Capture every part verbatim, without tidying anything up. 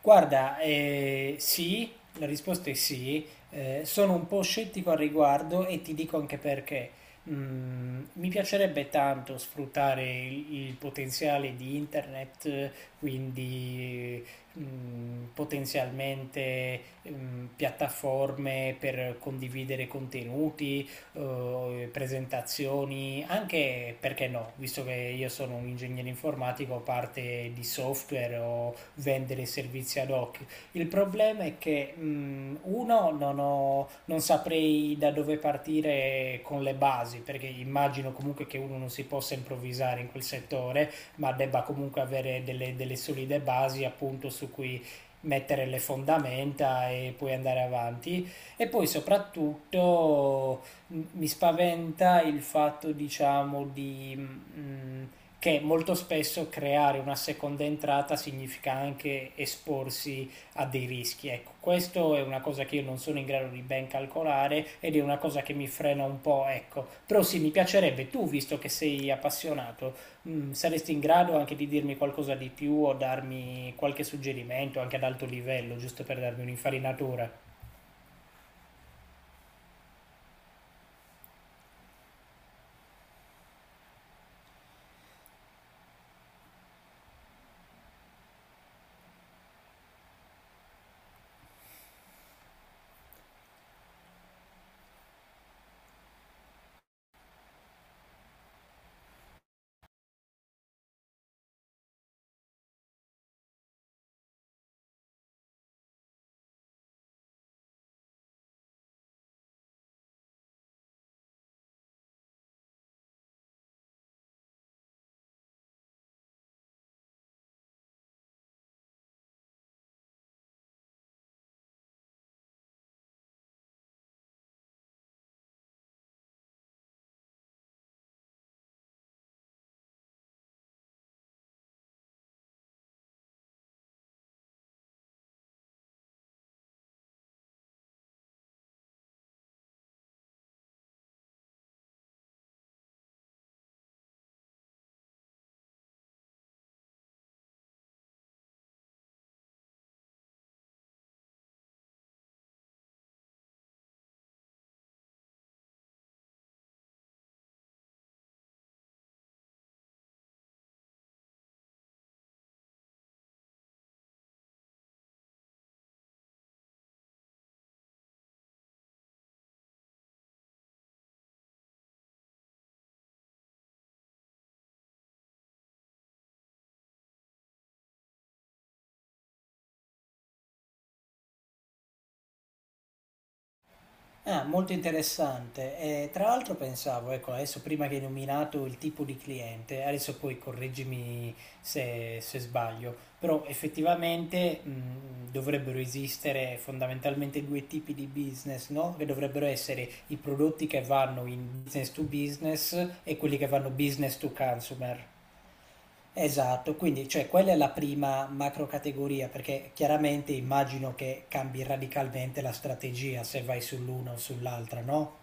Guarda, eh, sì, la risposta è sì, eh, sono un po' scettico al riguardo e ti dico anche perché. Mm, mi piacerebbe tanto sfruttare il, il potenziale di internet, eh, quindi mm, potenzialmente mm, piattaforme per condividere contenuti, eh, presentazioni, anche perché no, visto che io sono un ingegnere informatico, parte di software o vendere servizi ad hoc. Il problema è che mh, uno non ho- non saprei da dove partire con le basi, perché immagino comunque che uno non si possa improvvisare in quel settore, ma debba comunque avere delle, delle solide basi appunto su cui mettere le fondamenta e poi andare avanti. E poi soprattutto mi spaventa il fatto, diciamo, di, mh, che molto spesso creare una seconda entrata significa anche esporsi a dei rischi. Ecco, questo è una cosa che io non sono in grado di ben calcolare ed è una cosa che mi frena un po', ecco. Però sì, mi piacerebbe, tu, visto che sei appassionato, mh, saresti in grado anche di dirmi qualcosa di più o darmi qualche suggerimento anche ad alto livello, giusto per darmi un'infarinatura. Ah, molto interessante. Eh, tra l'altro pensavo, ecco, adesso prima che hai nominato il tipo di cliente, adesso poi correggimi se, se sbaglio, però effettivamente mh, dovrebbero esistere fondamentalmente due tipi di business, no? Che dovrebbero essere i prodotti che vanno in business to business e quelli che vanno business to consumer. Esatto, quindi cioè, quella è la prima macrocategoria, perché chiaramente immagino che cambi radicalmente la strategia se vai sull'una o sull'altra, no?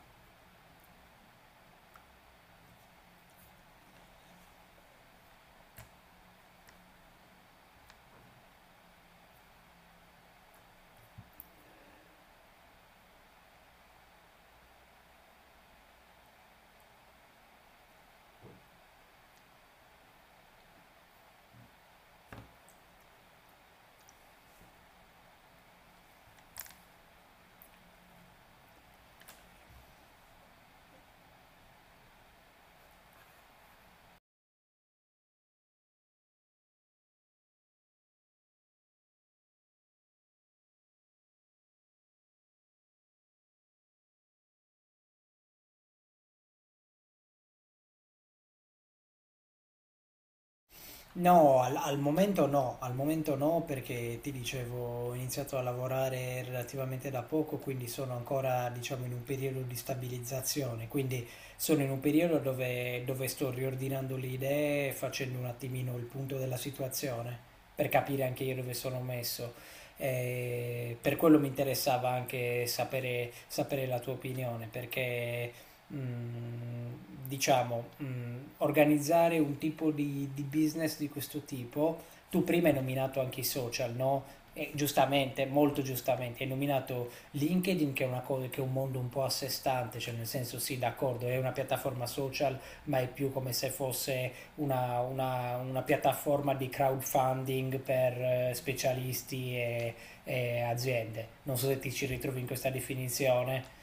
No, al, al momento no, al momento no perché ti dicevo ho iniziato a lavorare relativamente da poco, quindi sono ancora diciamo in un periodo di stabilizzazione, quindi sono in un periodo dove, dove sto riordinando le idee, facendo un attimino il punto della situazione per capire anche io dove sono messo. Eh, per quello mi interessava anche sapere, sapere la tua opinione perché mh, diciamo, mh, organizzare un tipo di, di business di questo tipo, tu prima hai nominato anche i social, no? E giustamente, molto giustamente, hai nominato LinkedIn che è una cosa che è un mondo un po' a sé stante, cioè nel senso sì, d'accordo, è una piattaforma social, ma è più come se fosse una, una- una piattaforma di crowdfunding per eh, specialisti e, e aziende. Non so se ti ci ritrovi in questa definizione.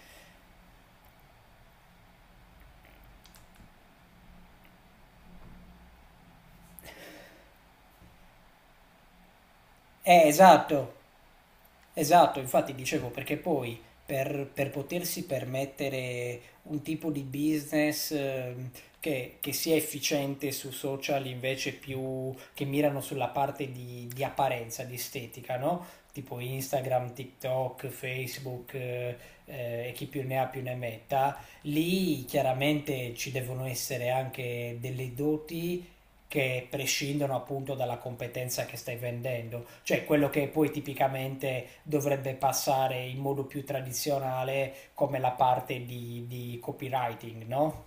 Eh, esatto, esatto, infatti dicevo perché poi per, per potersi permettere un tipo di business ehm, che, che sia efficiente su social invece più che mirano sulla parte di, di apparenza, di estetica, no? Tipo Instagram, TikTok, Facebook eh, eh, e chi più ne ha più ne metta, lì chiaramente ci devono essere anche delle doti che prescindono appunto dalla competenza che stai vendendo, cioè quello che poi tipicamente dovrebbe passare in modo più tradizionale come la parte di, di copywriting, no?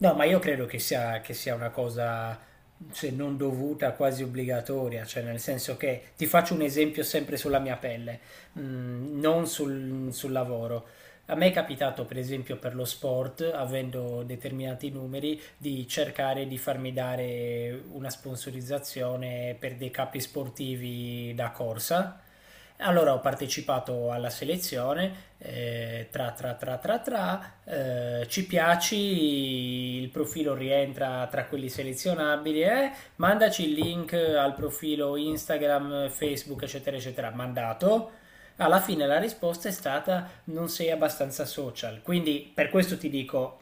No, ma io credo che sia, che sia una cosa, se non dovuta, quasi obbligatoria, cioè nel senso che ti faccio un esempio sempre sulla mia pelle, mm, non sul, sul lavoro. A me è capitato, per esempio, per lo sport, avendo determinati numeri, di cercare di farmi dare una sponsorizzazione per dei capi sportivi da corsa. Allora ho partecipato alla selezione, eh, tra tra tra tra tra, eh, ci piaci, il profilo rientra tra quelli selezionabili, eh? Mandaci il link al profilo Instagram, Facebook, eccetera, eccetera, mandato. Alla fine la risposta è stata non sei abbastanza social. Quindi per questo ti dico,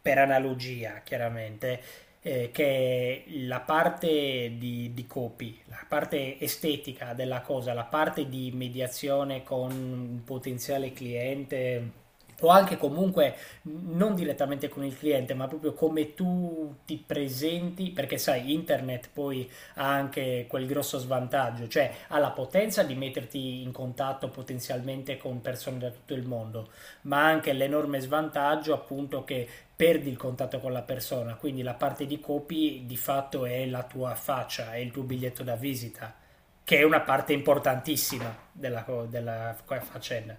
per analogia chiaramente, eh, che la parte di, di copy, la parte estetica della cosa, la parte di mediazione con un potenziale cliente o anche comunque non direttamente con il cliente, ma proprio come tu ti presenti, perché sai, internet poi ha anche quel grosso svantaggio, cioè ha la potenza di metterti in contatto potenzialmente con persone da tutto il mondo, ma anche l'enorme svantaggio appunto che perdi il contatto con la persona, quindi la parte di copy di fatto è la tua faccia, è il tuo biglietto da visita, che è una parte importantissima della, della faccenda.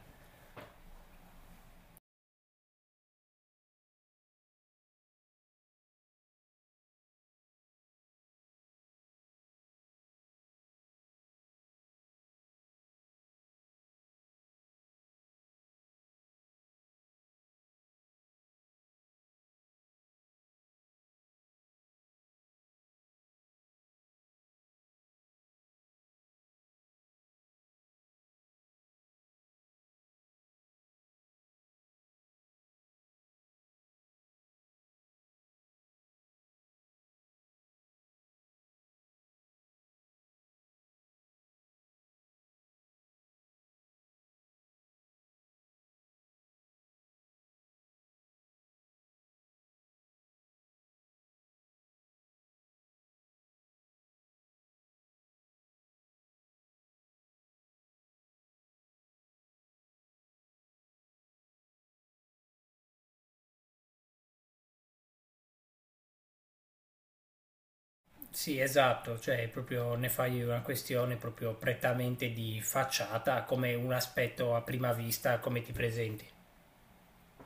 Sì, esatto, cioè proprio ne fai una questione proprio prettamente di facciata, come un aspetto a prima vista, come ti presenti.